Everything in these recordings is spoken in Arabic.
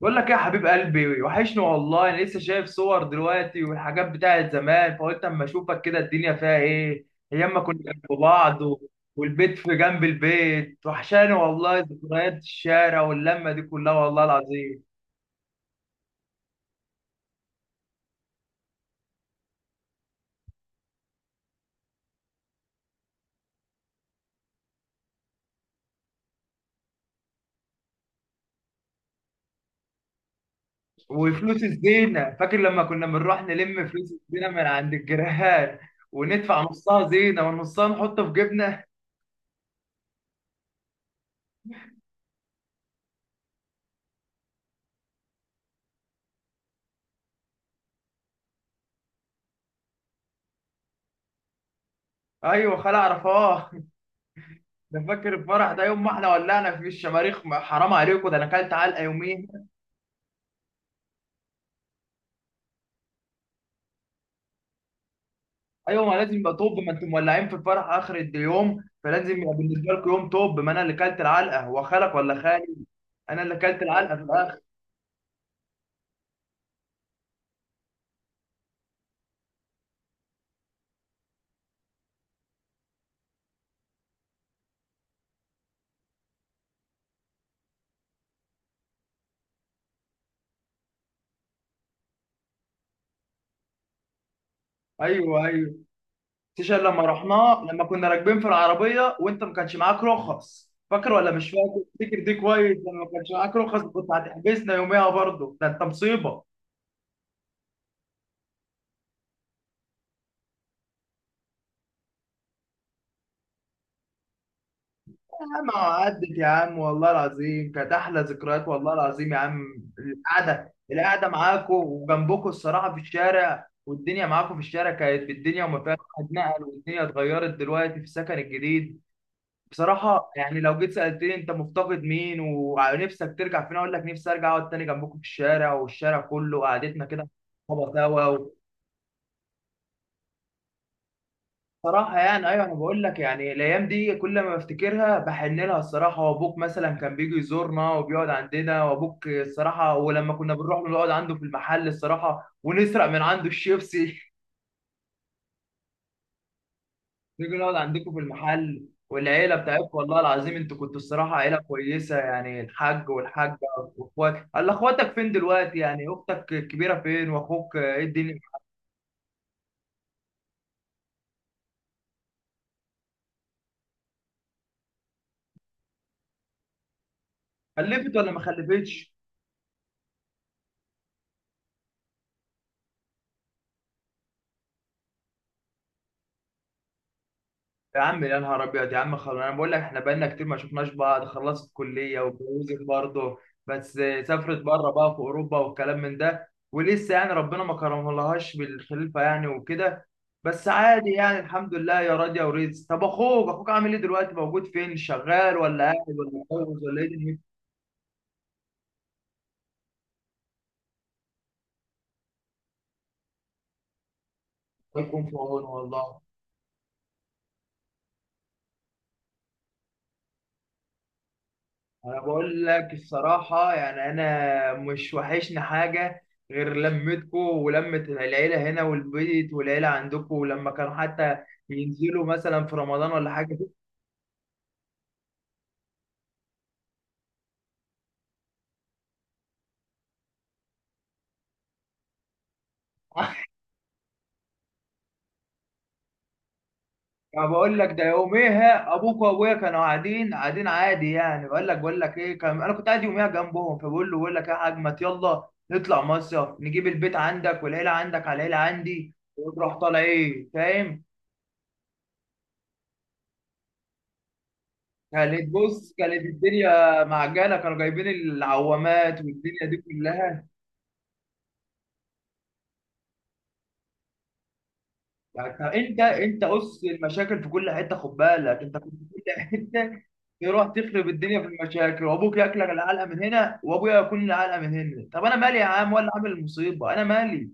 بقول لك إيه يا حبيب قلبي، وحشني والله. انا لسه شايف صور دلوقتي والحاجات بتاعت زمان، فقلت اما اشوفك كده الدنيا فيها ايه. ايام ما كنا جنب بعض والبيت في جنب البيت، وحشاني والله ذكريات الشارع واللمه دي كلها، والله العظيم. وفلوس الزينه، فاكر لما كنا بنروح نلم فلوس الزينه من عند الجيران وندفع نصها زينه ونصها نحطه في جيبنا. ايوه، خلع عرفاه. ده فاكر الفرح ده، يوم ما احنا ولعنا في الشماريخ؟ حرام عليكم، ده انا اكلت علقه يوميها. ايوه ما لازم يبقى، طب ما انتم مولعين في الفرح اخر اليوم فلازم يبقى بالنسبه لكم يوم. طب ما انا اللي كلت العلقه، هو خالك ولا خالي؟ انا اللي كلت العلقه في الاخر. ايوه ايوه. سيشن لما رحناه، لما كنا راكبين في العربيه وانت ما كانش معاك رخص، فاكر ولا مش فاكر؟ فاكر دي كويس، لما ما كانش معاك رخص كنت هتحبسنا يوميها برضه، ده انت مصيبه. يا عم عدت يا عم، والله العظيم كانت احلى ذكريات، والله العظيم يا عم القعده القعده معاكم وجنبكم الصراحه في الشارع، والدنيا معاكم في الشارع كانت بالدنيا وما فيها. الواحد نقل والدنيا اتغيرت دلوقتي في السكن الجديد. بصراحه يعني لو جيت سالتني انت مفتقد مين ونفسك ترجع فين، اقول لك نفسي ارجع اقعد تاني جنبكم في الشارع، والشارع كله قعدتنا كده. طبعا سوا. صراحة يعني، أيوة أنا بقول لك يعني الأيام دي كل ما بفتكرها بحن لها الصراحة. وأبوك مثلا كان بيجي يزورنا وبيقعد عندنا، وأبوك الصراحة ولما كنا بنروح نقعد عنده في المحل الصراحة ونسرق من عنده الشيبسي نيجي نقعد عندكم في المحل والعيلة بتاعتكم، والله العظيم أنتوا كنتوا الصراحة عيلة كويسة يعني الحاج والحاجة وإخوات. قال أخواتك فين دلوقتي؟ يعني أختك الكبيرة فين، وأخوك إيه الدنيا؟ خلفت ولا ما خلفتش؟ يا عم، يا نهار ابيض يا عم، خلاص انا بقول لك احنا بقالنا كتير ما شفناش بعض. خلصت كليه واتجوزت برضه. بس سافرت بره بقى في اوروبا والكلام من ده، ولسه يعني ربنا ما كرمهالهاش بالخلفه يعني وكده. بس عادي يعني الحمد لله يا راضيه ورزق. طب اخوك عامل ايه دلوقتي، موجود فين؟ شغال ولا قاعد ولا متجوز ولا ايه دنيته؟ الله يكون في عونه والله. انا بقول لك الصراحه، يعني انا مش وحشني حاجه غير لمتكو ولمه العيله هنا والبيت والعيله عندكو، ولما كانوا حتى ينزلوا مثلا في رمضان ولا حاجه كده. يعني بقول لك ده يوميها ابوك وابويا كانوا قاعدين قاعدين عادي يعني، بقول لك ايه كان، انا كنت قاعد يوميها جنبهم فبقول له بقول لك ايه يا حاج، ما يلا نطلع مصيف، نجيب البيت عندك والعيله عندك على العيله عندي وتروح طالع ايه، فاهم؟ كانت، بص، كانت الدنيا معجنه، كانوا جايبين العوامات والدنيا دي كلها. انت قص المشاكل في كل حته، خد بالك انت كنت في كل حته تروح تخرب الدنيا في المشاكل، وابوك ياكلك العلقه من هنا وابويا ياكلني العلقه من هنا. طب انا مالي يا عم، ولا عامل المصيبه انا مالي؟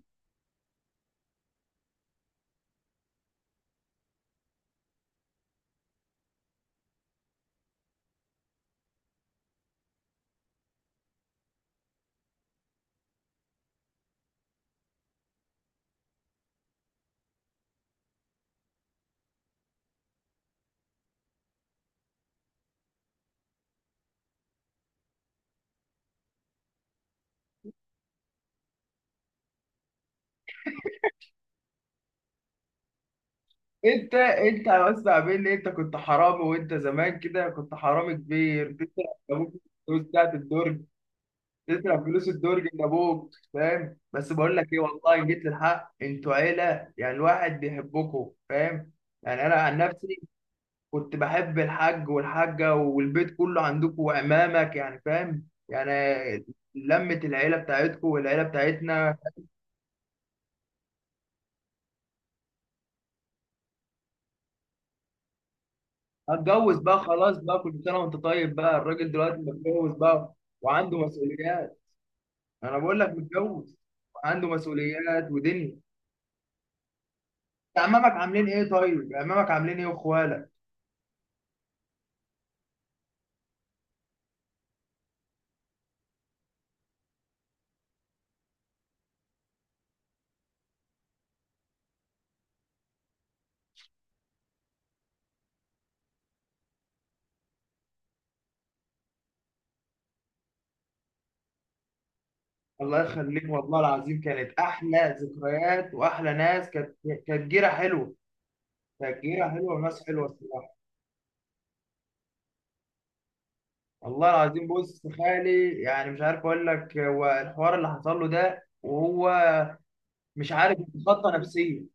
انت بس قابلني، انت كنت حرامي، وانت زمان كده كنت حرامي كبير، تسرق ابوك فلوس بتاعت الدرج، تدفع فلوس الدرج لابوك، فاهم؟ بس بقول لك ايه، والله جيت للحق، انتوا عيله يعني الواحد بيحبكم فاهم. يعني انا عن نفسي كنت بحب الحاج والحاجه والبيت كله عندكم وعمامك يعني فاهم، يعني لمه العيله بتاعتكم والعيله بتاعتنا. هتجوز بقى خلاص بقى، كل سنه وانت طيب بقى، الراجل دلوقتي متجوز بقى وعنده مسؤوليات. انا بقول لك متجوز وعنده مسؤوليات ودنيا. عمامك عاملين ايه؟ طيب عمامك عاملين ايه واخوالك؟ الله يخليك، والله العظيم كانت احلى ذكريات واحلى ناس، كانت جيره حلوه. كانت جيره حلوه وناس حلوه الصراحه. والله العظيم، بص خالي يعني مش عارف اقول لك، هو الحوار اللي حصل له ده وهو مش عارف يتخطى نفسيا.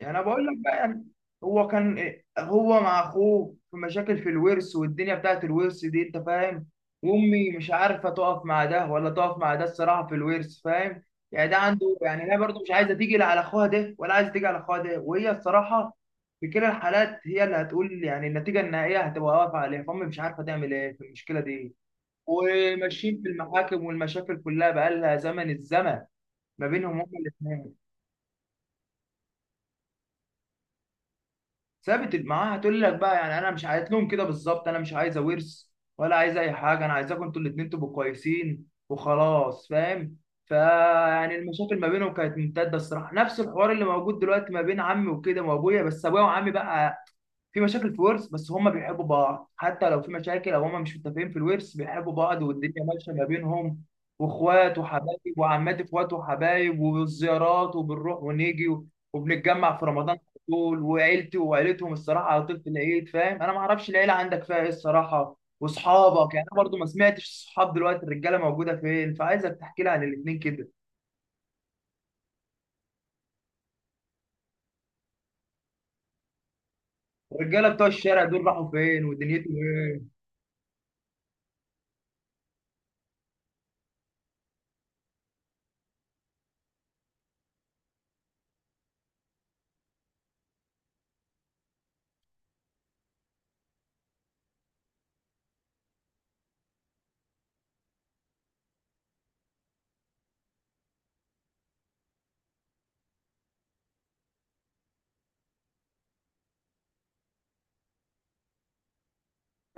يعني انا بقول لك بقى يعني، هو كان هو مع اخوه في مشاكل في الورث والدنيا بتاعت الورث دي، انت فاهم. وامي مش عارفه تقف مع ده ولا تقف مع ده الصراحه في الورث، فاهم؟ يعني ده عنده، يعني هي برضه مش عايزه تيجي لا على اخوها ده ولا عايزه تيجي على اخوها ده، وهي الصراحه في كلا الحالات هي اللي هتقول، يعني النتيجه النهائيه هتبقى واقفه عليها، فامي مش عارفه تعمل ايه في المشكله دي. وماشيين في المحاكم والمشاكل كلها، بقى لها زمن الزمن ما بينهم هما الاثنين. ثابت معاها هتقول لك بقى يعني انا مش، قالت لهم كده بالظبط، انا مش عايزه ورث ولا عايزه اي حاجه، انا عايزاكم انتوا الاتنين تبقوا كويسين وخلاص فاهم. فيعني المشاكل ما بينهم كانت ممتده الصراحه، نفس الحوار اللي موجود دلوقتي ما بين عمي وكده وابويا، بس ابويا وعمي بقى في مشاكل في ورث، بس هما بيحبوا بعض حتى لو في مشاكل او هما مش متفقين في الورث، بيحبوا بعض والدنيا ماشيه ما بينهم. واخوات وحبايب وعمات، اخوات وحبايب والزيارات، وبنروح ونيجي وبنتجمع في رمضان على طول، وعيلتي وعيلتهم الصراحه على طول في العيد، فاهم؟ انا ما اعرفش العيله عندك فيها ايه الصراحه، واصحابك يعني انا برضو ما سمعتش، الصحاب دلوقتي الرجاله موجوده فين؟ فعايزك تحكي لي عن الاثنين كده. الرجاله بتوع الشارع دول راحوا فين ودنيتهم ايه؟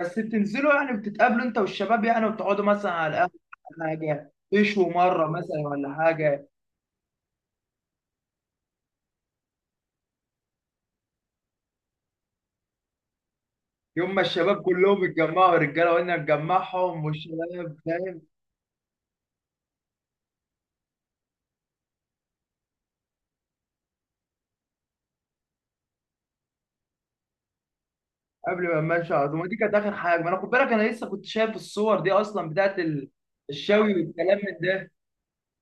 بس بتنزلوا يعني، بتتقابلوا انت والشباب يعني وتقعدوا مثلا على القهوة ولا حاجة، تشوا مرة مثلا ولا حاجة؟ يوم ما الشباب كلهم اتجمعوا الرجالة، وقلنا نجمعهم والشباب فاهم، قبل ما الماتش على طول، ما دي كانت آخر حاجة. ما أنا خد بالك أنا لسه كنت شايف الصور دي أصلا بتاعت الشوي والكلام من ده.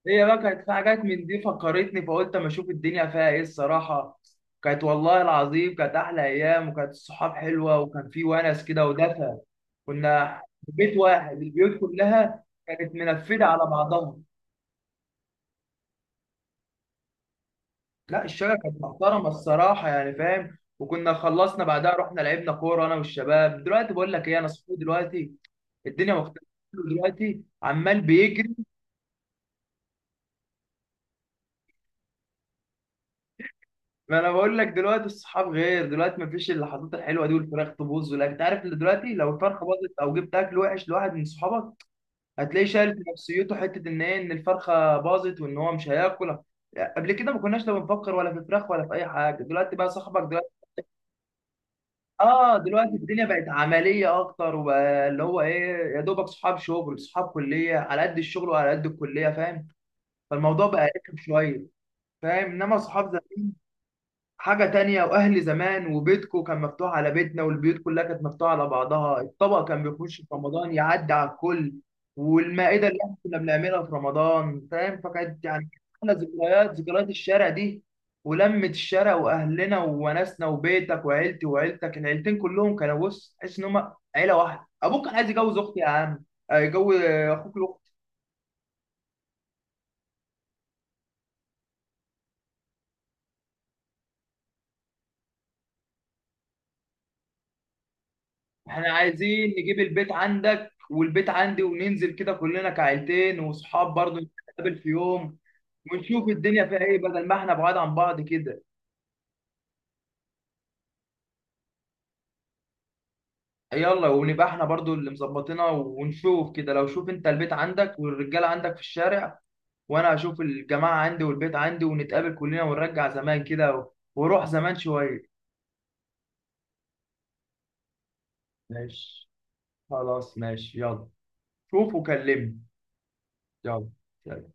هي بقى كانت في حاجات من دي فكرتني، فقلت اما اشوف الدنيا فيها ايه الصراحه. كانت، والله العظيم كانت احلى ايام، وكانت الصحاب حلوه، وكان في ونس كده ودفى، كنا في بيت واحد، البيوت كلها كانت منفذه على بعضها. لا، الشقه كانت محترمه الصراحه يعني فاهم. وكنا خلصنا بعدها رحنا لعبنا كوره انا والشباب. دلوقتي بقول لك ايه، انا صحابي دلوقتي الدنيا مختلفه، دلوقتي عمال بيجري. ما انا بقول لك دلوقتي الصحاب غير، دلوقتي مفيش اللحظات الحلوه دي، والفراخ تبوظ ولا انت عارف، اللي دلوقتي لو الفرخه باظت او جبت اكل وحش لواحد من صحابك، هتلاقيه شايل في نفسيته حته، ان ايه، ان الفرخه باظت وان هو مش هياكل. قبل كده ما كناش لا بنفكر ولا في فراخ ولا في اي حاجه، دلوقتي بقى صاحبك دلوقتي. اه دلوقتي الدنيا بقت عمليه اكتر، وبقى اللي هو ايه، يا دوبك صحاب شغل صحاب كليه، على قد الشغل وعلى قد الكليه فاهم، فالموضوع بقى رخم شويه. فاهم، انما صحاب حاجة تانية، وأهل زمان، وبيتكو كان مفتوح على بيتنا، والبيوت كلها كانت مفتوحة على بعضها، الطبق كان بيخش في رمضان يعدي على الكل، والمائدة اللي احنا كنا بنعملها في رمضان فاهم، فكانت يعني احلى ذكريات، ذكريات الشارع دي. ولمة الشارع وأهلنا ووناسنا وبيتك، وعيلتي وعيلتك العيلتين كلهم كانوا، بص، تحس إن هما عيلة واحدة. أبوك كان عايز يجوز أختي يا عم، يجوز أخوك. احنا عايزين نجيب البيت عندك والبيت عندي وننزل كده كلنا كعيلتين، وصحاب برضه نتقابل في يوم، ونشوف الدنيا فيها ايه بدل ما احنا بعاد عن بعض كده. يلا، ونبقى احنا برضه اللي مظبطينها، ونشوف كده. لو، شوف انت البيت عندك والرجاله عندك في الشارع، وانا هشوف الجماعه عندي والبيت عندي، ونتقابل كلنا ونرجع زمان كده وروح زمان شويه. ماشي. خلاص ماشي، يلا. شوف وكلمني. يلا. سلام.